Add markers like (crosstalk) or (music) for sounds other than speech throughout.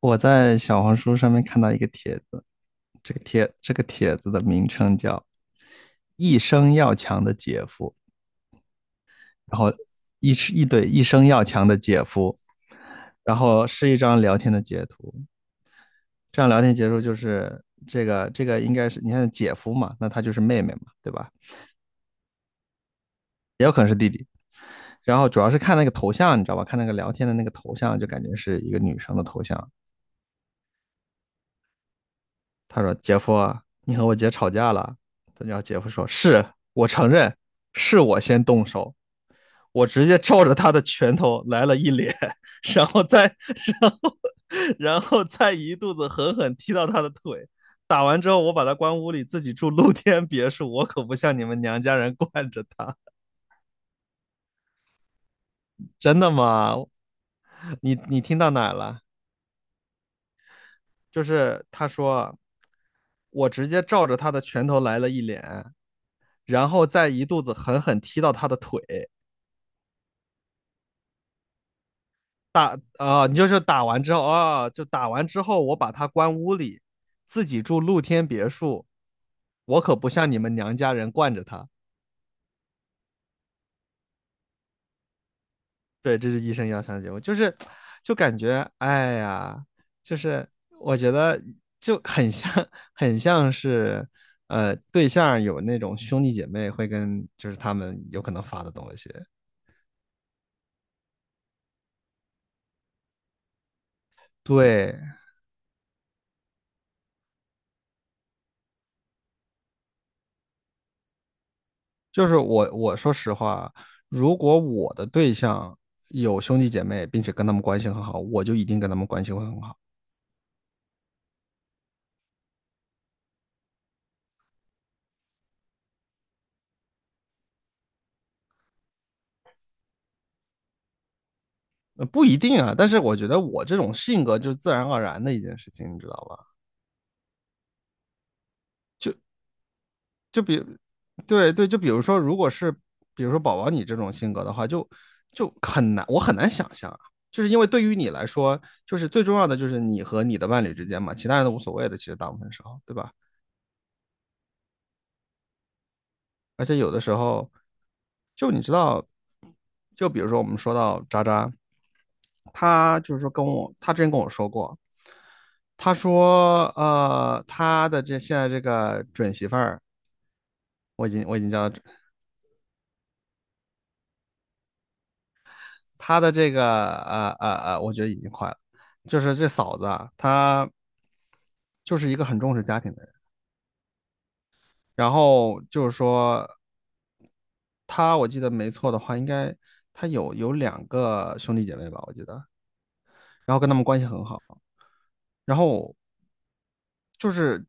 我在小红书上面看到一个帖子，这个帖子的名称叫"一生要强的姐夫"，然后一对"一生要强的姐夫"，然后是一张聊天的截图。这张聊天截图就是这个应该是你看姐夫嘛，那他就是妹妹嘛，对吧？然后主要是看那个头像，你知道吧？看那个聊天的那个头像，就感觉是一个女生的头像。他说："姐夫啊，你和我姐吵架了。"然后姐夫说："是我承认，是我先动手，我直接照着他的拳头来了一脸，然后再，然后，然后再一肚子狠狠踢到他的腿。打完之后，我把他关屋里，自己住露天别墅，我可不像你们娘家人惯着他。(laughs) 真的吗？你听到哪了？就是他说，我直接照着他的拳头来了一脸。"然后再一肚子狠狠踢到他的腿。打你就是打完之后啊，打完之后，我把他关屋里，自己住露天别墅，我可不像你们娘家人惯着他。对，这是医生要上的节目，就感觉哎呀，就是我觉得就很像是对象有那种兄弟姐妹会跟就是他们有可能发的东西。对，就是我说实话，如果我的对象有兄弟姐妹，并且跟他们关系很好，我就一定跟他们关系会很好。不一定啊，但是我觉得我这种性格就是自然而然的一件事情，你知道吧？就比，对对，就比如说，如果是比如说宝宝你这种性格的话，就很难，我很难想象啊。就是因为对于你来说，就是最重要的就是你和你的伴侣之间嘛，其他人都无所谓的，其实大部分时候，对吧？而且有的时候，就你知道，就比如说我们说到渣渣，他就是说跟我，他之前跟我说过，他说他的现在这个准媳妇儿，我已经叫她。他的这个我觉得已经快了，就是这嫂子啊，她就是一个很重视家庭的人，然后就是说。他我记得没错的话，应该他有两个兄弟姐妹吧，我记得然后跟他们关系很好，然后就是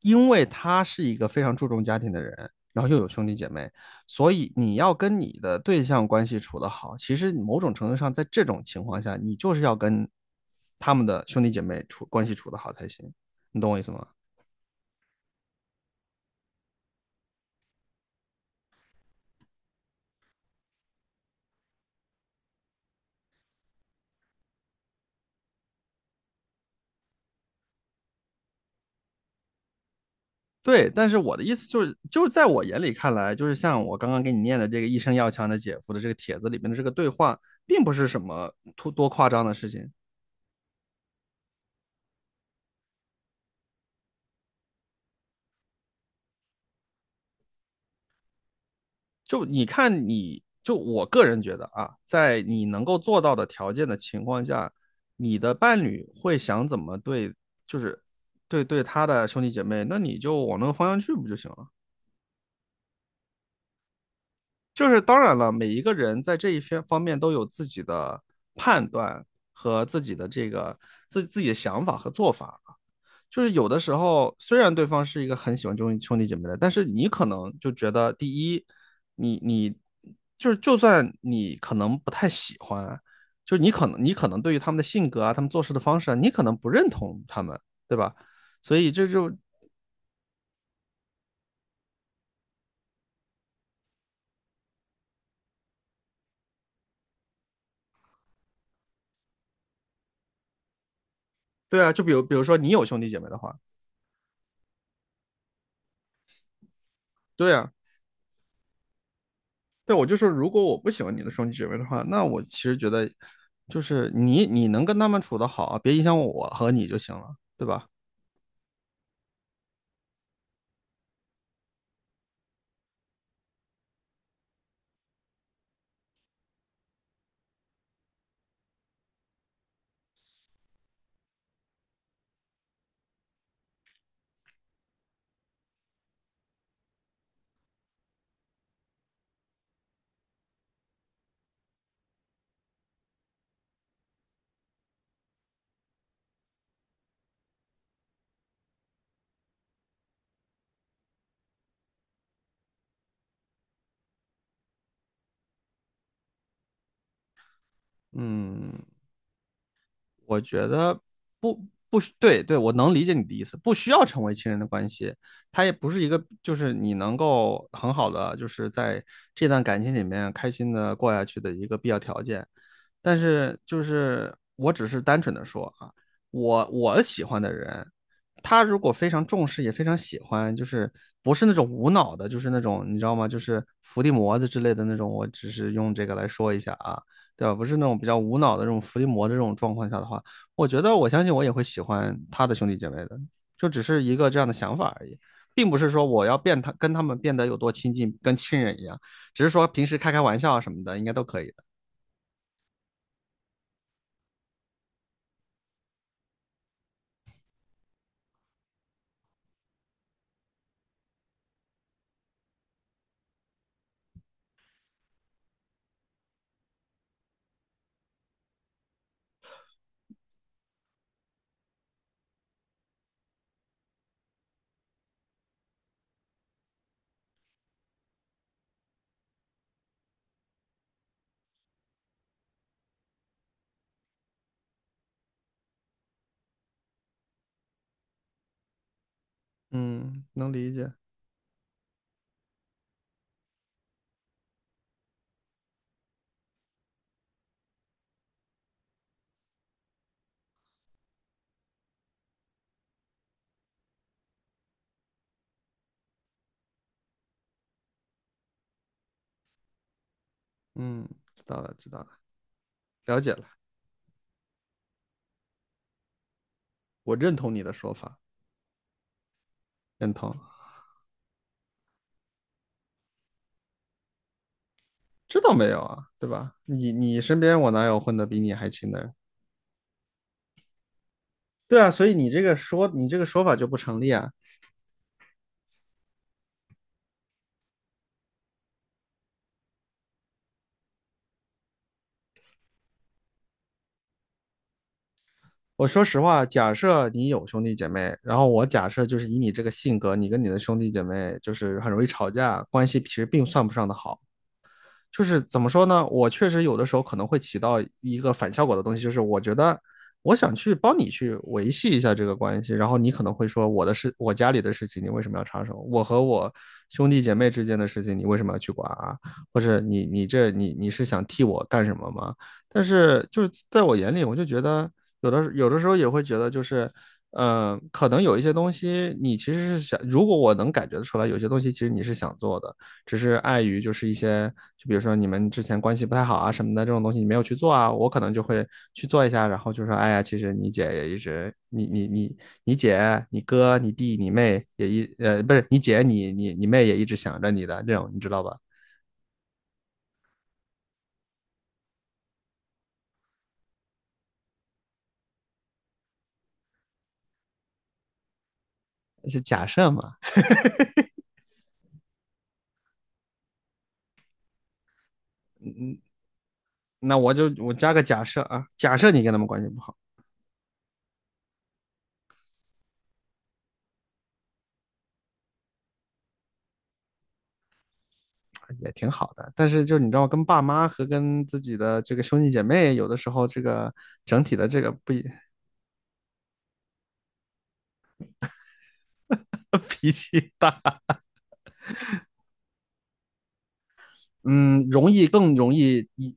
因为他是一个非常注重家庭的人，然后又有兄弟姐妹，所以你要跟你的对象关系处得好，其实某种程度上，在这种情况下，你就是要跟他们的兄弟姐妹关系处得好才行，你懂我意思吗？对，但是我的意思就是，就是在我眼里看来，就是像我刚刚给你念的这个"一生要强的姐夫"的这个帖子里面的这个对话，并不是什么多夸张的事情。就你看你，就我个人觉得啊，在你能够做到的条件的情况下，你的伴侣会想怎么对，就是对他的兄弟姐妹，那你就往那个方向去不就行了？就是当然了，每一个人在这一些方面都有自己的判断和自己的这个自己的想法和做法。就是有的时候，虽然对方是一个很喜欢兄弟姐妹的，但是你可能就觉得，第一，你就是就算你可能不太喜欢，就是你可能对于他们的性格啊，他们做事的方式啊，你可能不认同他们，对吧？所以这就对啊，就比如说你有兄弟姐妹的话，对啊，对我就说，如果我不喜欢你的兄弟姐妹的话，那我其实觉得就是你能跟他们处得好，别影响我和你就行了，对吧？嗯，我觉得不不对对，我能理解你的意思，不需要成为亲人的关系，它也不是一个就是你能够很好的就是在这段感情里面开心的过下去的一个必要条件。但是就是我只是单纯的说啊，我喜欢的人，他如果非常重视也非常喜欢，就是不是那种无脑的，就是那种你知道吗？就是伏地魔的之类的那种，我只是用这个来说一下啊，对吧？不是那种比较无脑的这种伏地魔的这种状况下的话，我觉得我相信我也会喜欢他的兄弟姐妹的，就只是一个这样的想法而已。并不是说我要变他跟他们变得有多亲近，跟亲人一样，只是说平时开开玩笑啊什么的，应该都可以。嗯，能理解。嗯，知道了，知道了，了解了。我认同你的说法，认同。知道没有啊？对吧？你身边我哪有混得比你还勤的人？对啊，所以你这个说法就不成立啊。我说实话，假设你有兄弟姐妹，然后我假设就是以你这个性格，你跟你的兄弟姐妹就是很容易吵架，关系其实并算不上的好。就是怎么说呢？我确实有的时候可能会起到一个反效果的东西，就是我觉得我想去帮你去维系一下这个关系，然后你可能会说我的事，我家里的事情你为什么要插手？我和我兄弟姐妹之间的事情你为什么要去管啊？或者你你这你你是想替我干什么吗？但是就是在我眼里，我就觉得有的时候也会觉得就是。可能有一些东西你其实是想，如果我能感觉得出来，有些东西其实你是想做的，只是碍于就是一些，就比如说你们之前关系不太好啊什么的这种东西，你没有去做啊，我可能就会去做一下，然后就说，哎呀，其实你姐也一直，你你姐、你哥、你弟、你妹不是你姐、你妹也一直想着你的这种，你知道吧？是假设嘛，嗯，嗯那我加个假设啊，假设你跟他们关系不好。哎，也挺好的，但是就你知道，跟爸妈和跟自己的这个兄弟姐妹，有的时候这个整体的这个不 (laughs) 脾气大。嗯，更容易，你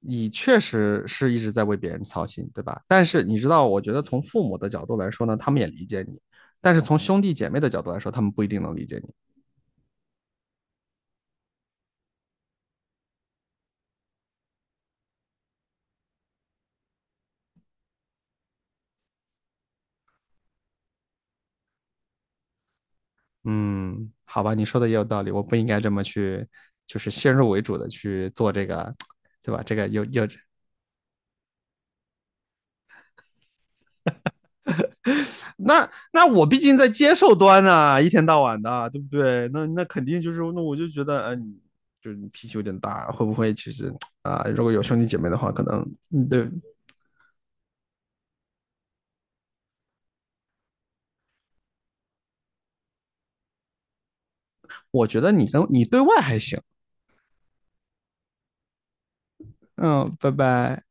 你确实是一直在为别人操心，对吧？但是你知道，我觉得从父母的角度来说呢，他们也理解你，但是从兄弟姐妹的角度来说，他们不一定能理解你。嗯，好吧，你说的也有道理，我不应该这么去，就是先入为主的去做这个，对吧？这个有，那那我毕竟在接受端啊，一天到晚的啊，对不对？那肯定就是，那我就觉得，就是脾气有点大，会不会其实如果有兄弟姐妹的话，可能，对，我觉得你跟你对外还行。嗯，拜拜。